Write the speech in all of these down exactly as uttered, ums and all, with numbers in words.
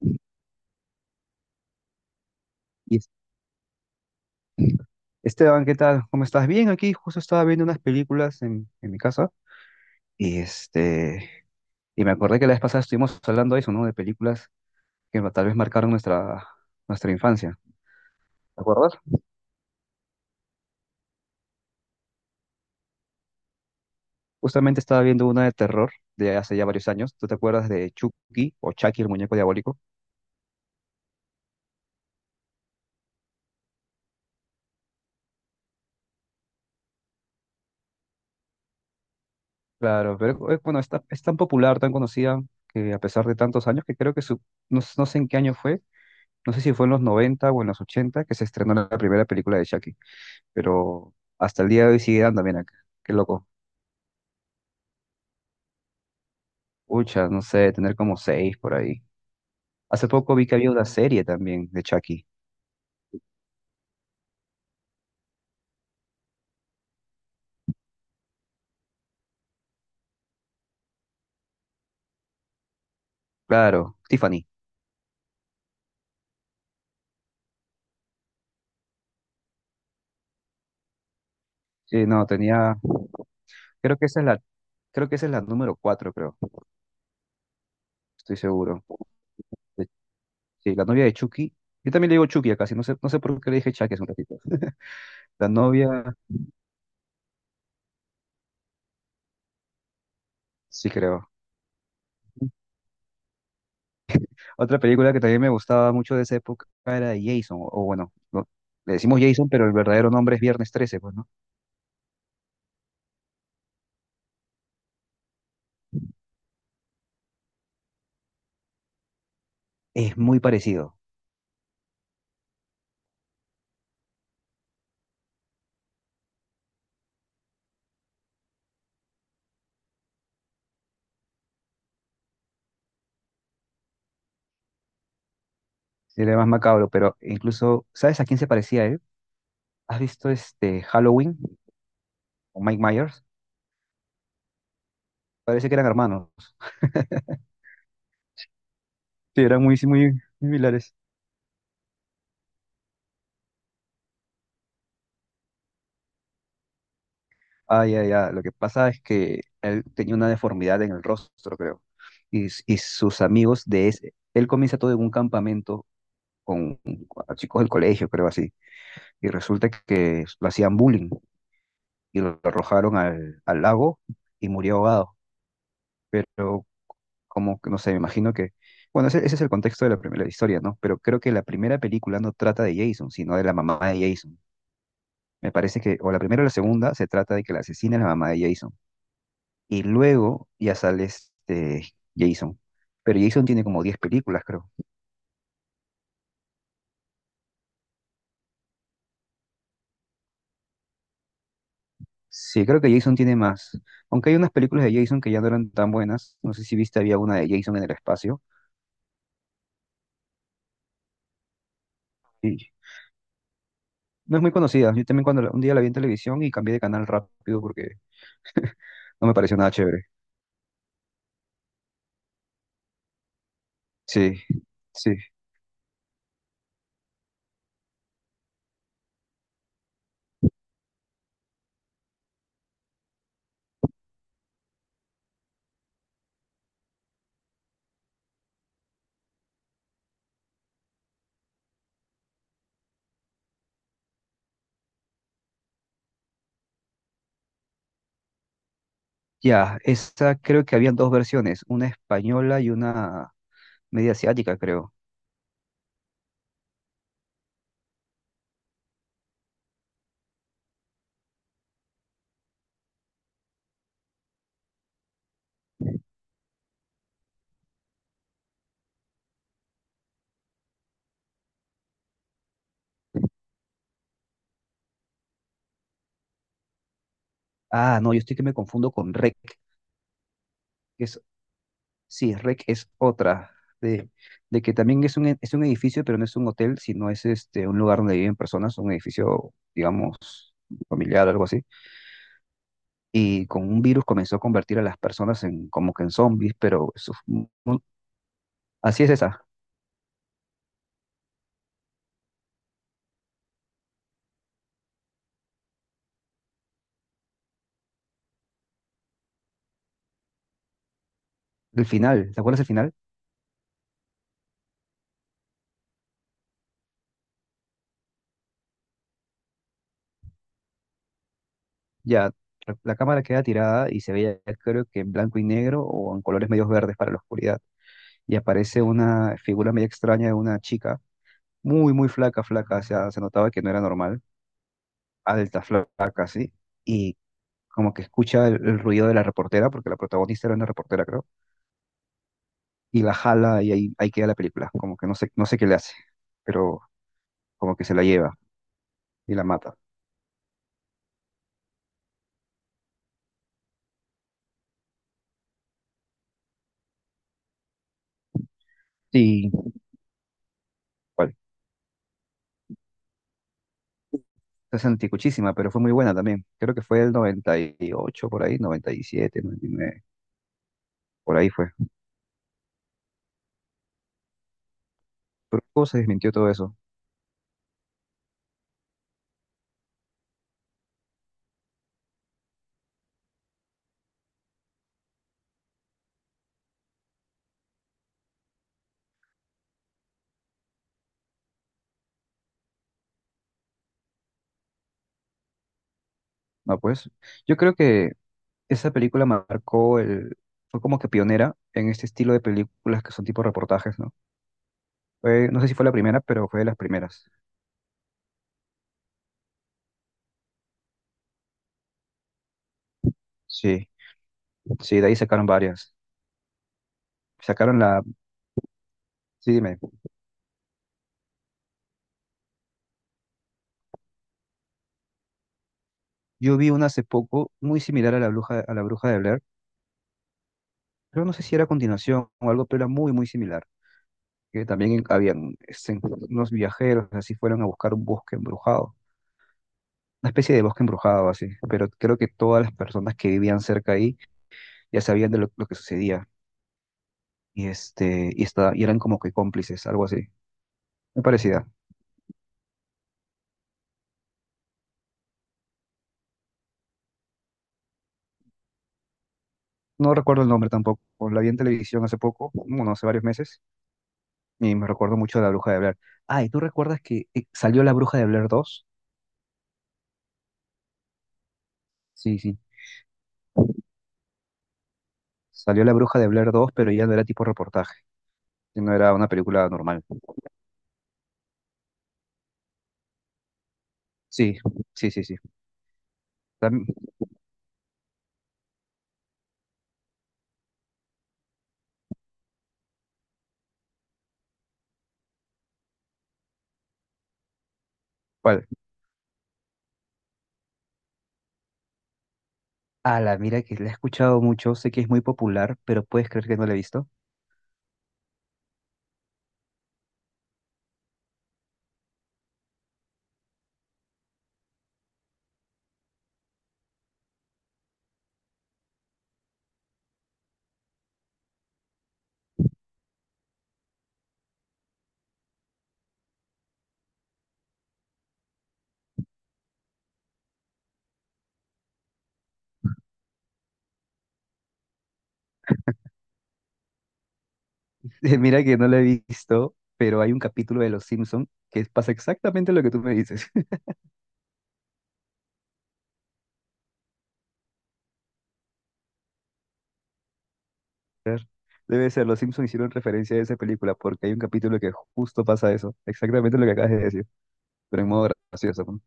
Y es- Esteban, ¿qué tal? ¿Cómo estás? Bien, aquí justo estaba viendo unas películas en, en mi casa y este y me acordé que la vez pasada estuvimos hablando de eso, ¿no? De películas que ma- tal vez marcaron nuestra, nuestra infancia. ¿Te acuerdas? Justamente estaba viendo una de terror de hace ya varios años. ¿Tú te acuerdas de Chucky o Chucky, el muñeco diabólico? Claro, pero eh, bueno, está, es tan popular, tan conocida, que a pesar de tantos años, que creo que su, no, no sé en qué año fue, no sé si fue en los noventa o en los ochenta que se estrenó la primera película de Chucky, pero hasta el día de hoy sigue dando bien acá. Qué loco. Ucha, no sé, tener como seis por ahí. Hace poco vi que había una serie también de Chucky. Claro, Tiffany. Sí, no, tenía, creo que esa es la, creo que esa es la número cuatro, creo, estoy seguro. De- Sí, la novia de Chucky. Yo también le digo Chucky acá, sí, no sé, no sé por qué le dije Chucky hace un ratito. La novia, sí creo. Otra película que también me gustaba mucho de esa época era Jason, o bueno, no, le decimos Jason, pero el verdadero nombre es Viernes trece, pues, ¿no? Es muy parecido. Sí, era más macabro, pero incluso, ¿sabes a quién se parecía él? ¿Has visto este Halloween o Mike Myers? Parece que eran hermanos. Sí, eran muy, muy, muy similares. Ah, ya, ya. Lo que pasa es que él tenía una deformidad en el rostro, creo. Y, s- y sus amigos de ese. Él comienza todo en un campamento con, con chicos del colegio, creo así. Y resulta que lo hacían bullying y lo arrojaron al, al lago y murió ahogado. Pero como, que, no sé, me imagino que, bueno, ese, ese es el contexto de la primera historia, ¿no? Pero creo que la primera película no trata de Jason, sino de la mamá de Jason. Me parece que, o la primera o la segunda, se trata de que la asesina es la mamá de Jason. Y luego ya sale este Jason. Pero Jason tiene como diez películas, creo. Sí, creo que Jason tiene más. Aunque hay unas películas de Jason que ya no eran tan buenas. No sé si viste, había una de Jason en el espacio. Y no es muy conocida. Yo también cuando la- un día la vi en televisión y cambié de canal rápido porque no me pareció nada chévere. Sí, sí. Ya, esa creo que habían dos versiones, una española y una media asiática, creo. Ah, no, yo estoy que me confundo con REC. que Es, sí, REC es otra, de, de que también es un, e- es un edificio, pero no es un hotel, sino es este, un lugar donde viven personas, un edificio, digamos, familiar, algo así. Y con un virus comenzó a convertir a las personas en como que en zombies, pero eso, fue un- un- así es esa, el final, ¿te acuerdas el final? Ya, la la cámara queda tirada y se veía, creo que en blanco y negro o en colores medios verdes para la oscuridad. Y aparece una figura medio extraña de una chica, muy, muy flaca, flaca, o sea, se notaba que no era normal, alta, flaca, sí. Y como que escucha el, el ruido de la reportera, porque la protagonista era una reportera, creo, y la jala y ahí, ahí queda la película. Como que no sé, no sé qué le hace, pero como que se la lleva y la mata. Sí, bueno, es anticuchísima, pero fue muy buena también. Creo que fue el noventa y ocho por ahí, noventa y siete, noventa y nueve. Por ahí fue. Pero luego se desmintió todo eso. No, pues yo creo que esa película marcó el... Fue como que pionera en este estilo de películas que son tipo reportajes, ¿no? Fue- no sé si fue la primera, pero fue de las primeras. Sí, sí, de ahí sacaron varias. Sacaron la... Sí, dime. Yo vi una hace poco muy similar a la bruja, a la bruja de Blair, pero no sé si era a continuación o algo, pero era muy, muy similar. Que también habían este, unos viajeros, así fueron a buscar un bosque embrujado, una especie de bosque embrujado así, pero creo que todas las personas que vivían cerca ahí ya sabían de lo, lo que sucedía y este y esta- y eran como que cómplices, algo así. Me parecía. No recuerdo el nombre tampoco. La vi en televisión hace poco, bueno, hace varios meses, y me recuerdo mucho de la Bruja de Blair. Ah, ¿y tú recuerdas que eh, salió la Bruja de Blair dos? Sí, sí. Salió la Bruja de Blair dos, pero ya no era tipo reportaje, no era una película normal. Sí, sí, sí, sí. Tam- ¿Cuál? Ah, la mira que la he escuchado mucho, sé que es muy popular, pero puedes creer que no la he visto. Mira que no lo he visto, pero hay un capítulo de Los Simpson que pasa exactamente lo que tú me dices. Debe ser, Los Simpson hicieron referencia a esa película porque hay un capítulo que justo pasa eso, exactamente lo que acabas de decir, pero en modo gracioso.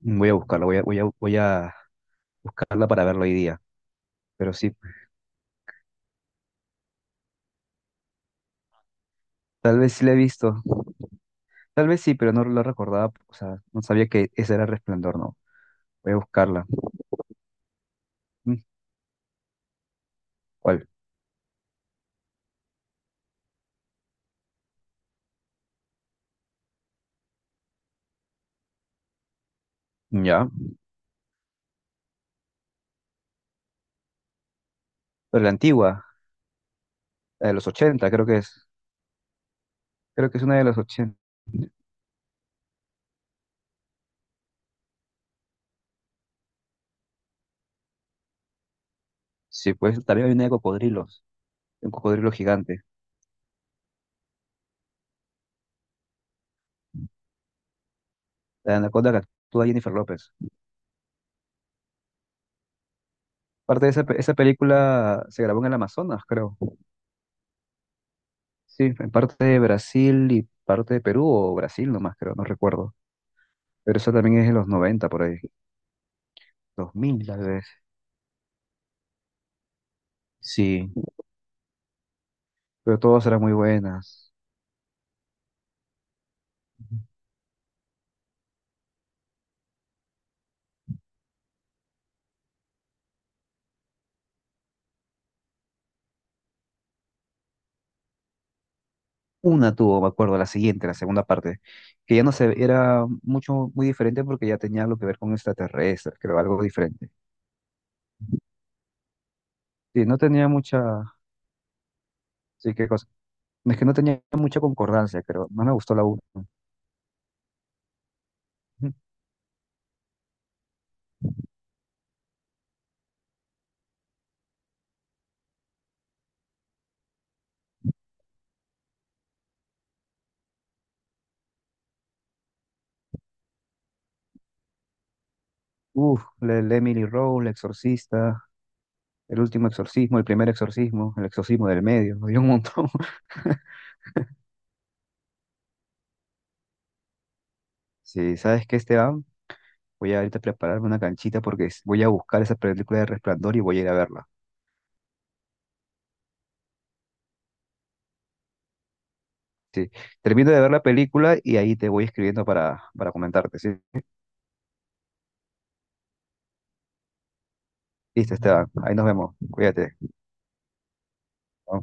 ¿No? Voy a buscarla, voy a, voy a, voy a buscarla para verlo hoy día. Pero sí, tal vez sí la he visto, tal vez sí, pero no lo recordaba, o sea, no sabía que ese era Resplandor, no. Voy a buscarla. Mm, ¿cuál? Ya, pero la antigua, la de los ochenta creo que es. Creo que es una de los ochenta. Sí, pues también hay una de cocodrilos, de un cocodrilo gigante, la anaconda que actúa Jennifer López. Parte de esa, pe- esa película se grabó en el Amazonas, creo. Sí, en parte de Brasil y parte de Perú, o Brasil nomás, creo, no recuerdo. Pero esa también es de los noventa por ahí, dos mil tal vez. Sí, pero todas eran muy buenas. Una tuvo, me acuerdo, la siguiente, la segunda parte, que ya no se era mucho, muy diferente porque ya tenía algo que ver con extraterrestres, creo, algo diferente. Sí, no tenía mucha, sí, que es que no tenía mucha concordancia, pero no me gustó la una. Uf, la- el Emily Rose, El Exorcista, El Último Exorcismo, El Primer Exorcismo, El Exorcismo del Medio. Hay un montón. Sí, ¿sabes qué, Esteban? Voy a ahorita prepararme una canchita porque s- voy a buscar esa película de Resplandor y voy a ir a verla. Sí, termino de ver la película y ahí te voy escribiendo para, para comentarte. Sí, listo, Esteban. Ahí nos vemos. Cuídate.